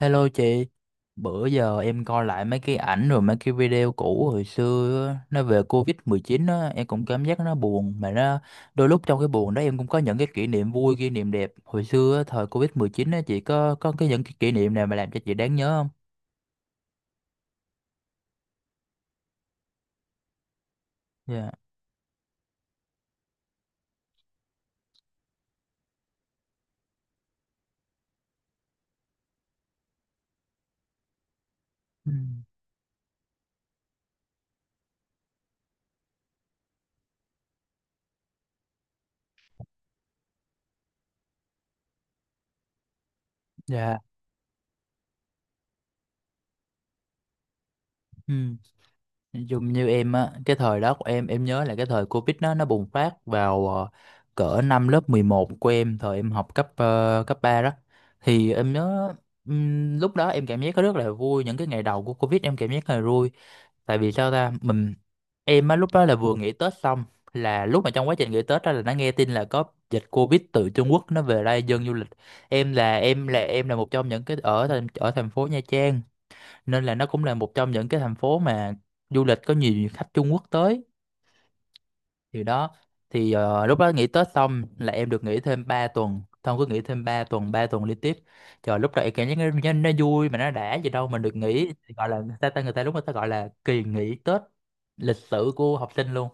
Hello chị, bữa giờ em coi lại mấy cái ảnh rồi mấy cái video cũ hồi xưa á, nó về Covid-19 á, em cũng cảm giác nó buồn mà nó đôi lúc trong cái buồn đó em cũng có những cái kỷ niệm vui, kỷ niệm đẹp. Hồi xưa á, thời Covid-19 á chị có cái những cái kỷ niệm nào mà làm cho chị đáng nhớ không? Dạ. Ừ. Dạ. Ừ. Nói chung như em á, cái thời đó của em nhớ là cái thời Covid nó bùng phát vào cỡ năm lớp 11 của em, thời em học cấp 3 đó. Thì em nhớ lúc đó em cảm giác rất là vui, những cái ngày đầu của Covid em cảm giác rất là vui. Tại vì sao ta em á lúc đó là vừa nghỉ Tết xong, là lúc mà trong quá trình nghỉ Tết đó là đã nghe tin là có dịch Covid từ Trung Quốc nó về đây dân du lịch. Em là một trong những cái ở thành phố Nha Trang, nên là nó cũng là một trong những cái thành phố mà du lịch có nhiều khách Trung Quốc tới, thì đó. Thì lúc đó nghỉ Tết xong là em được nghỉ thêm 3 tuần. Thông cứ nghỉ thêm 3 tuần, 3 tuần liên tiếp. Trời, lúc đó em cảm giác nó vui mà nó đã gì đâu, mình được nghỉ, gọi là người ta, ta người ta lúc người ta gọi là kỳ nghỉ Tết lịch sử của học sinh luôn.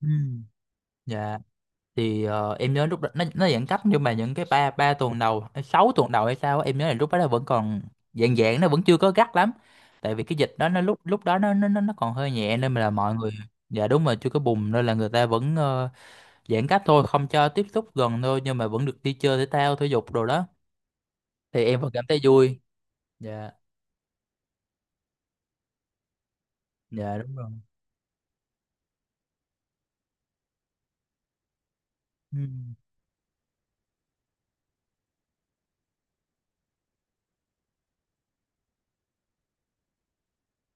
Ừ. Dạ thì em nhớ lúc đó nó giãn cách, nhưng mà những cái ba ba tuần đầu hay sáu tuần đầu hay sao á, em nhớ là lúc đó nó vẫn còn dạng dạng nó vẫn chưa có gắt lắm, tại vì cái dịch đó nó lúc lúc đó nó còn hơi nhẹ nên mà là mọi người. Dạ đúng rồi, chưa có bùng nên là người ta vẫn giãn cách thôi, không cho tiếp xúc gần thôi, nhưng mà vẫn được đi chơi thể thao thể dục đồ đó, thì em vẫn cảm thấy vui. Dạ. Dạ đúng rồi. Ừ.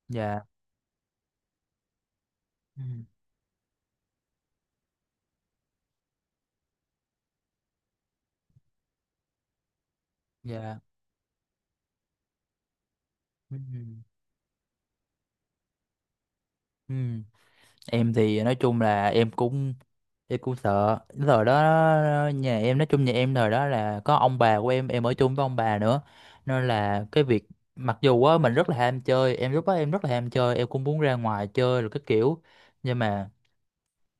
Dạ. Ừ. Dạ. Ừ. Ừ. Em thì nói chung là em cũng sợ. Cái thời đó nhà em, nói chung nhà em thời đó là có ông bà của em ở chung với ông bà nữa, nên là cái việc, mặc dù á mình rất là ham chơi, em lúc đó em rất là ham chơi, em cũng muốn ra ngoài chơi rồi cái kiểu, nhưng mà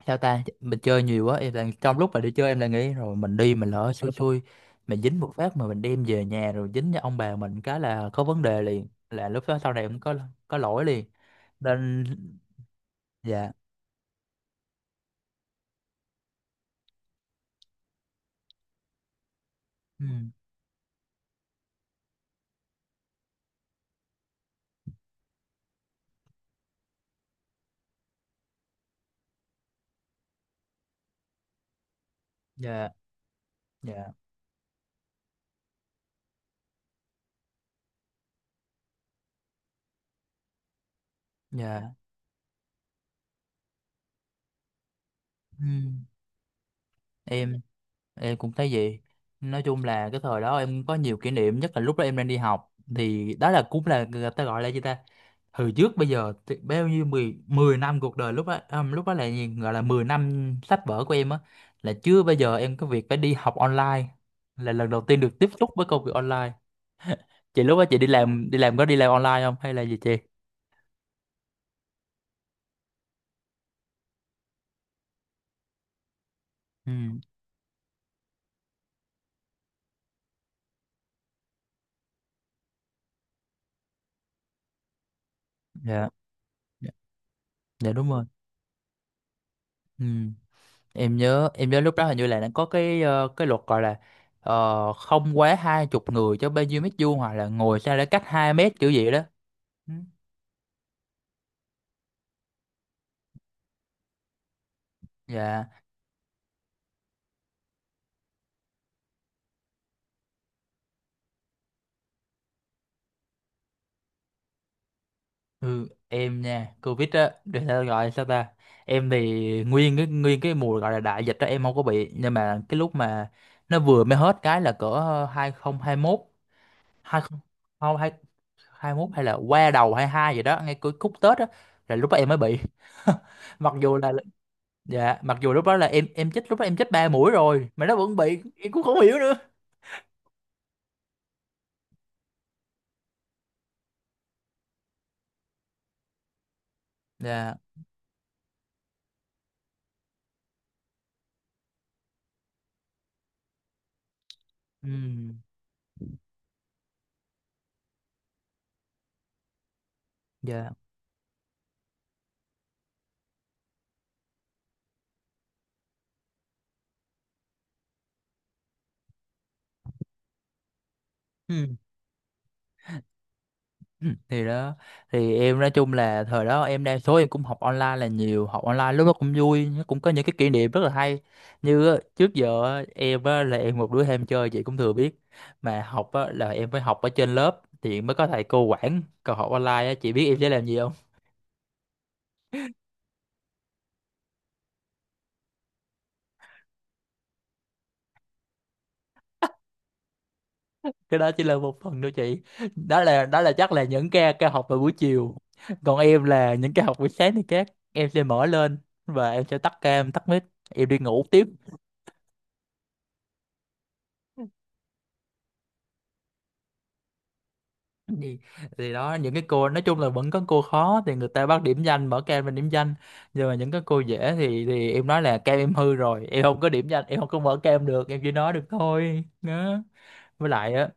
sao ta mình chơi nhiều quá. Em là trong lúc mà đi chơi em lại nghĩ rồi, mình đi mình lỡ xui xui mình dính một phát mà mình đem về nhà rồi dính cho ông bà mình cái là có vấn đề liền, là lúc đó sau này em có lỗi liền, nên dạ. Ừ, dạ. Dạ. Dạ. Ừ. Em em cũng thấy vậy. Nói chung là cái thời đó em có nhiều kỷ niệm, nhất là lúc đó em đang đi học, thì đó là cũng là người ta gọi là gì ta? Hồi trước bây giờ thì bao nhiêu, 10 10 năm cuộc đời lúc đó, lúc đó là gì? Gọi là 10 năm sách vở của em á, là chưa bao giờ em có việc phải đi học online, là lần đầu tiên được tiếp xúc với công việc online. Chị lúc đó chị đi làm có đi làm online không hay là gì chị? Ừ. Dạ. Dạ dạ đúng rồi. Ừ. Em nhớ lúc đó hình như là nó có cái luật gọi là ờ, không quá hai chục người cho bao nhiêu mét vuông, hoặc là ngồi sao để cách hai mét kiểu gì đó. Ừ, dạ. Ừ, em nha covid á để sao gọi sao ta, em thì nguyên cái mùa gọi là đại dịch đó em không có bị, nhưng mà cái lúc mà nó vừa mới hết cái là cỡ 2021, 20 không không hai, 21 hay là qua đầu 22 gì đó, ngay cuối khúc Tết á, là lúc đó em mới bị. Mặc dù là dạ, mặc dù lúc đó là em chích lúc đó em chích ba mũi rồi mà nó vẫn bị, em cũng không hiểu nữa. Dạ. Ừ. Dạ. Ừ. Ừ. Thì đó, thì em nói chung là thời đó em đa số em cũng học online là nhiều, học online lúc đó cũng vui, nó cũng có những cái kỷ niệm rất là hay. Như á, trước giờ á, em á, là em một đứa ham chơi chị cũng thừa biết, mà học á, là em phải học ở trên lớp thì mới có thầy cô quản, còn học online á, chị biết em sẽ làm gì. Cái đó chỉ là một phần thôi chị, đó là chắc là những ca ca học vào buổi chiều, còn em là những ca học buổi sáng thì các em sẽ mở lên và em sẽ tắt ca em tắt mic, em đi ngủ tiếp. Thì, thì đó, những cái cô nói chung là vẫn có cô khó thì người ta bắt điểm danh mở cam lên điểm danh, nhưng mà những cái cô dễ thì em nói là cam em hư rồi, em không có điểm danh, em không có mở cam được, em chỉ nói được thôi đó. Với lại á,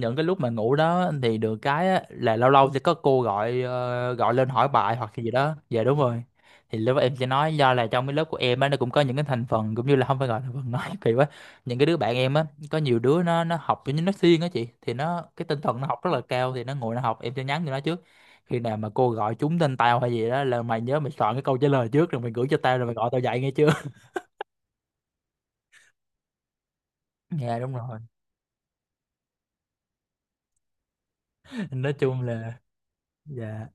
những cái lúc mà ngủ đó thì được cái á, là lâu lâu sẽ có gọi lên hỏi bài hoặc cái gì đó. Dạ đúng rồi. Thì lúc đó em sẽ nói, do là trong cái lớp của em á nó cũng có những cái thành phần, cũng như là không phải gọi là thành phần nói kỳ quá, những cái đứa bạn em á, có nhiều đứa nó học giống như nó siêng á chị, thì nó cái tinh thần nó học rất là cao, thì nó ngồi nó học, em sẽ nhắn cho nó trước, khi nào mà cô gọi trúng tên tao hay gì đó là mày nhớ mày soạn cái câu trả lời trước rồi mày gửi cho tao rồi mày gọi tao dậy nghe chưa. Dạ đúng rồi, nói chung là dạ.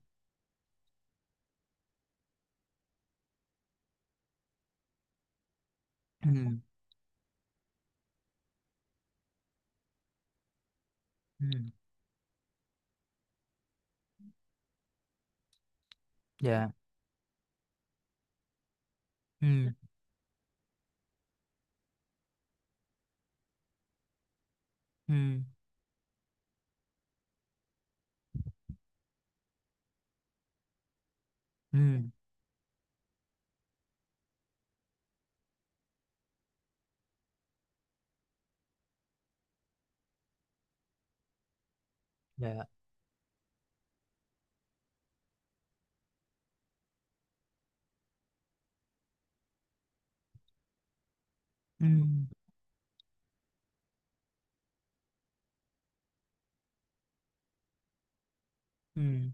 ừ, ừ, dạ. ừ, ừ. Ừ, dạ. Ừ, ừ,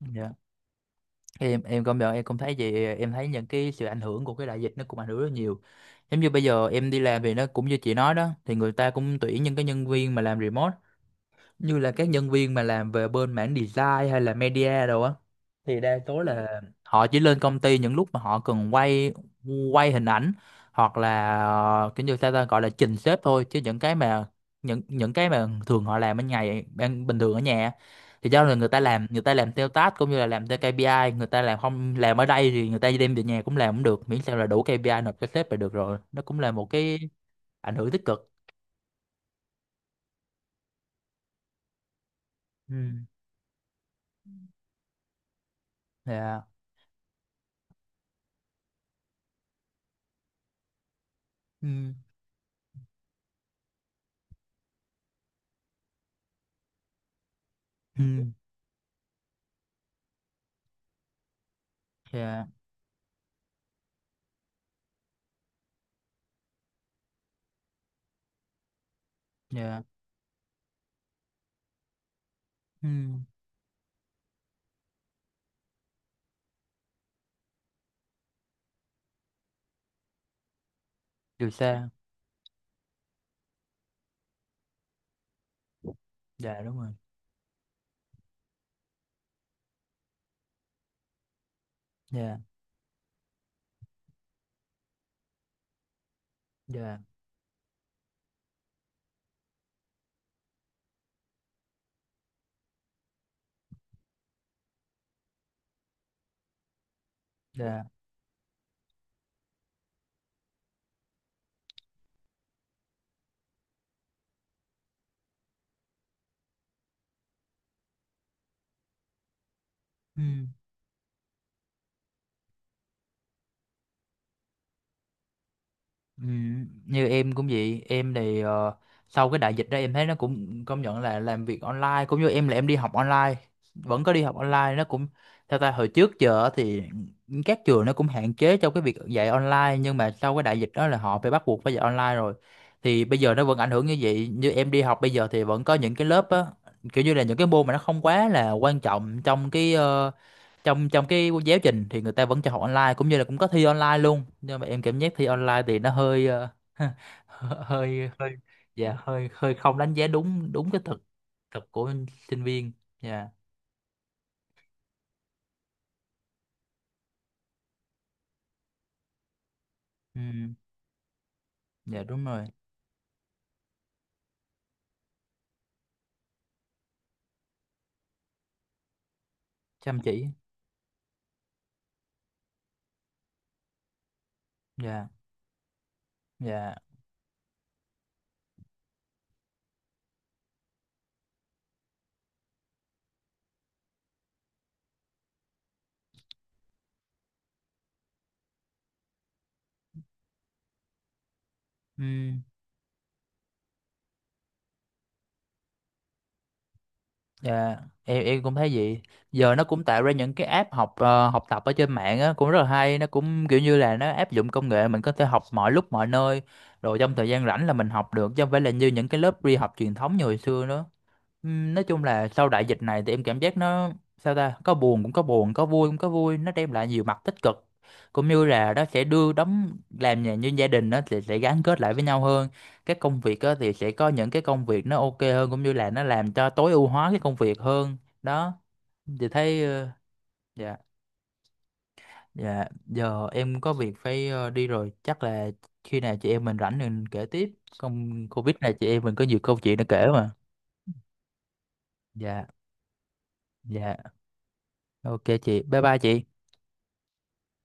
dạ. Em công nhận em cũng thấy vậy, em thấy những cái sự ảnh hưởng của cái đại dịch nó cũng ảnh hưởng rất nhiều. Giống như bây giờ em đi làm thì nó cũng như chị nói đó, thì người ta cũng tuyển những cái nhân viên mà làm remote, như là các nhân viên mà làm về bên mảng design hay là media đồ á, thì đa số Ừ. là họ chỉ lên công ty những lúc mà họ cần quay quay hình ảnh, hoặc là kiểu như sao ta gọi là trình xếp thôi, chứ những cái mà những cái mà thường họ làm ở bình thường ở nhà á, thì do là người ta làm theo task cũng như là làm theo KPI, người ta làm không làm ở đây thì người ta đem về nhà cũng làm cũng được, miễn sao là đủ KPI nộp cho sếp là được rồi, nó cũng là một cái ảnh hưởng tích cực. Ừ. Yeah. Ừ. Ừ. Dạ. Dạ. Ừ từ xa. Dạ đúng rồi. Dạ. Dạ. Dạ. Ừ. Ừ. Như em cũng vậy, em thì sau cái đại dịch đó em thấy nó cũng công nhận là làm việc online, cũng như em là em đi học online, vẫn có đi học online nó cũng theo ta. Hồi trước giờ á thì các trường nó cũng hạn chế trong cái việc dạy online, nhưng mà sau cái đại dịch đó là họ phải bắt buộc phải dạy online rồi. Thì bây giờ nó vẫn ảnh hưởng như vậy, như em đi học bây giờ thì vẫn có những cái lớp á, kiểu như là những cái môn mà nó không quá là quan trọng trong trong trong cái giáo trình thì người ta vẫn cho học online, cũng như là cũng có thi online luôn, nhưng mà em cảm giác thi online thì nó hơi ờ, hơi hơi. Dạ hơi hơi không đánh giá đúng đúng cái thực thực của sinh viên. Dạ. Ừ, dạ đúng rồi, chăm chỉ. Dạ. Dạ. Ừ. Dạ, em cũng thấy vậy. Giờ nó cũng tạo ra những cái app học ờ, học tập ở trên mạng á cũng rất là hay, nó cũng kiểu như là nó áp dụng công nghệ, mình có thể học mọi lúc mọi nơi, rồi trong thời gian rảnh là mình học được, chứ không phải là như những cái lớp đi học truyền thống như hồi xưa nữa. Nói chung là sau đại dịch này thì em cảm giác nó, sao ta, có buồn cũng có buồn, có vui cũng có vui, nó đem lại nhiều mặt tích cực, cũng như là nó sẽ đưa đóng làm nhà, như gia đình nó sẽ gắn kết lại với nhau hơn. Các công việc á, thì sẽ có những cái công việc nó ok hơn, cũng như là nó làm cho tối ưu hóa cái công việc hơn đó. Thì thấy ờ, dạ. Dạ giờ em có việc phải đi rồi, chắc là khi nào chị em mình rảnh mình kể tiếp, không Covid này chị em mình có nhiều câu chuyện để kể mà. Dạ. Dạ ok chị, bye bye chị.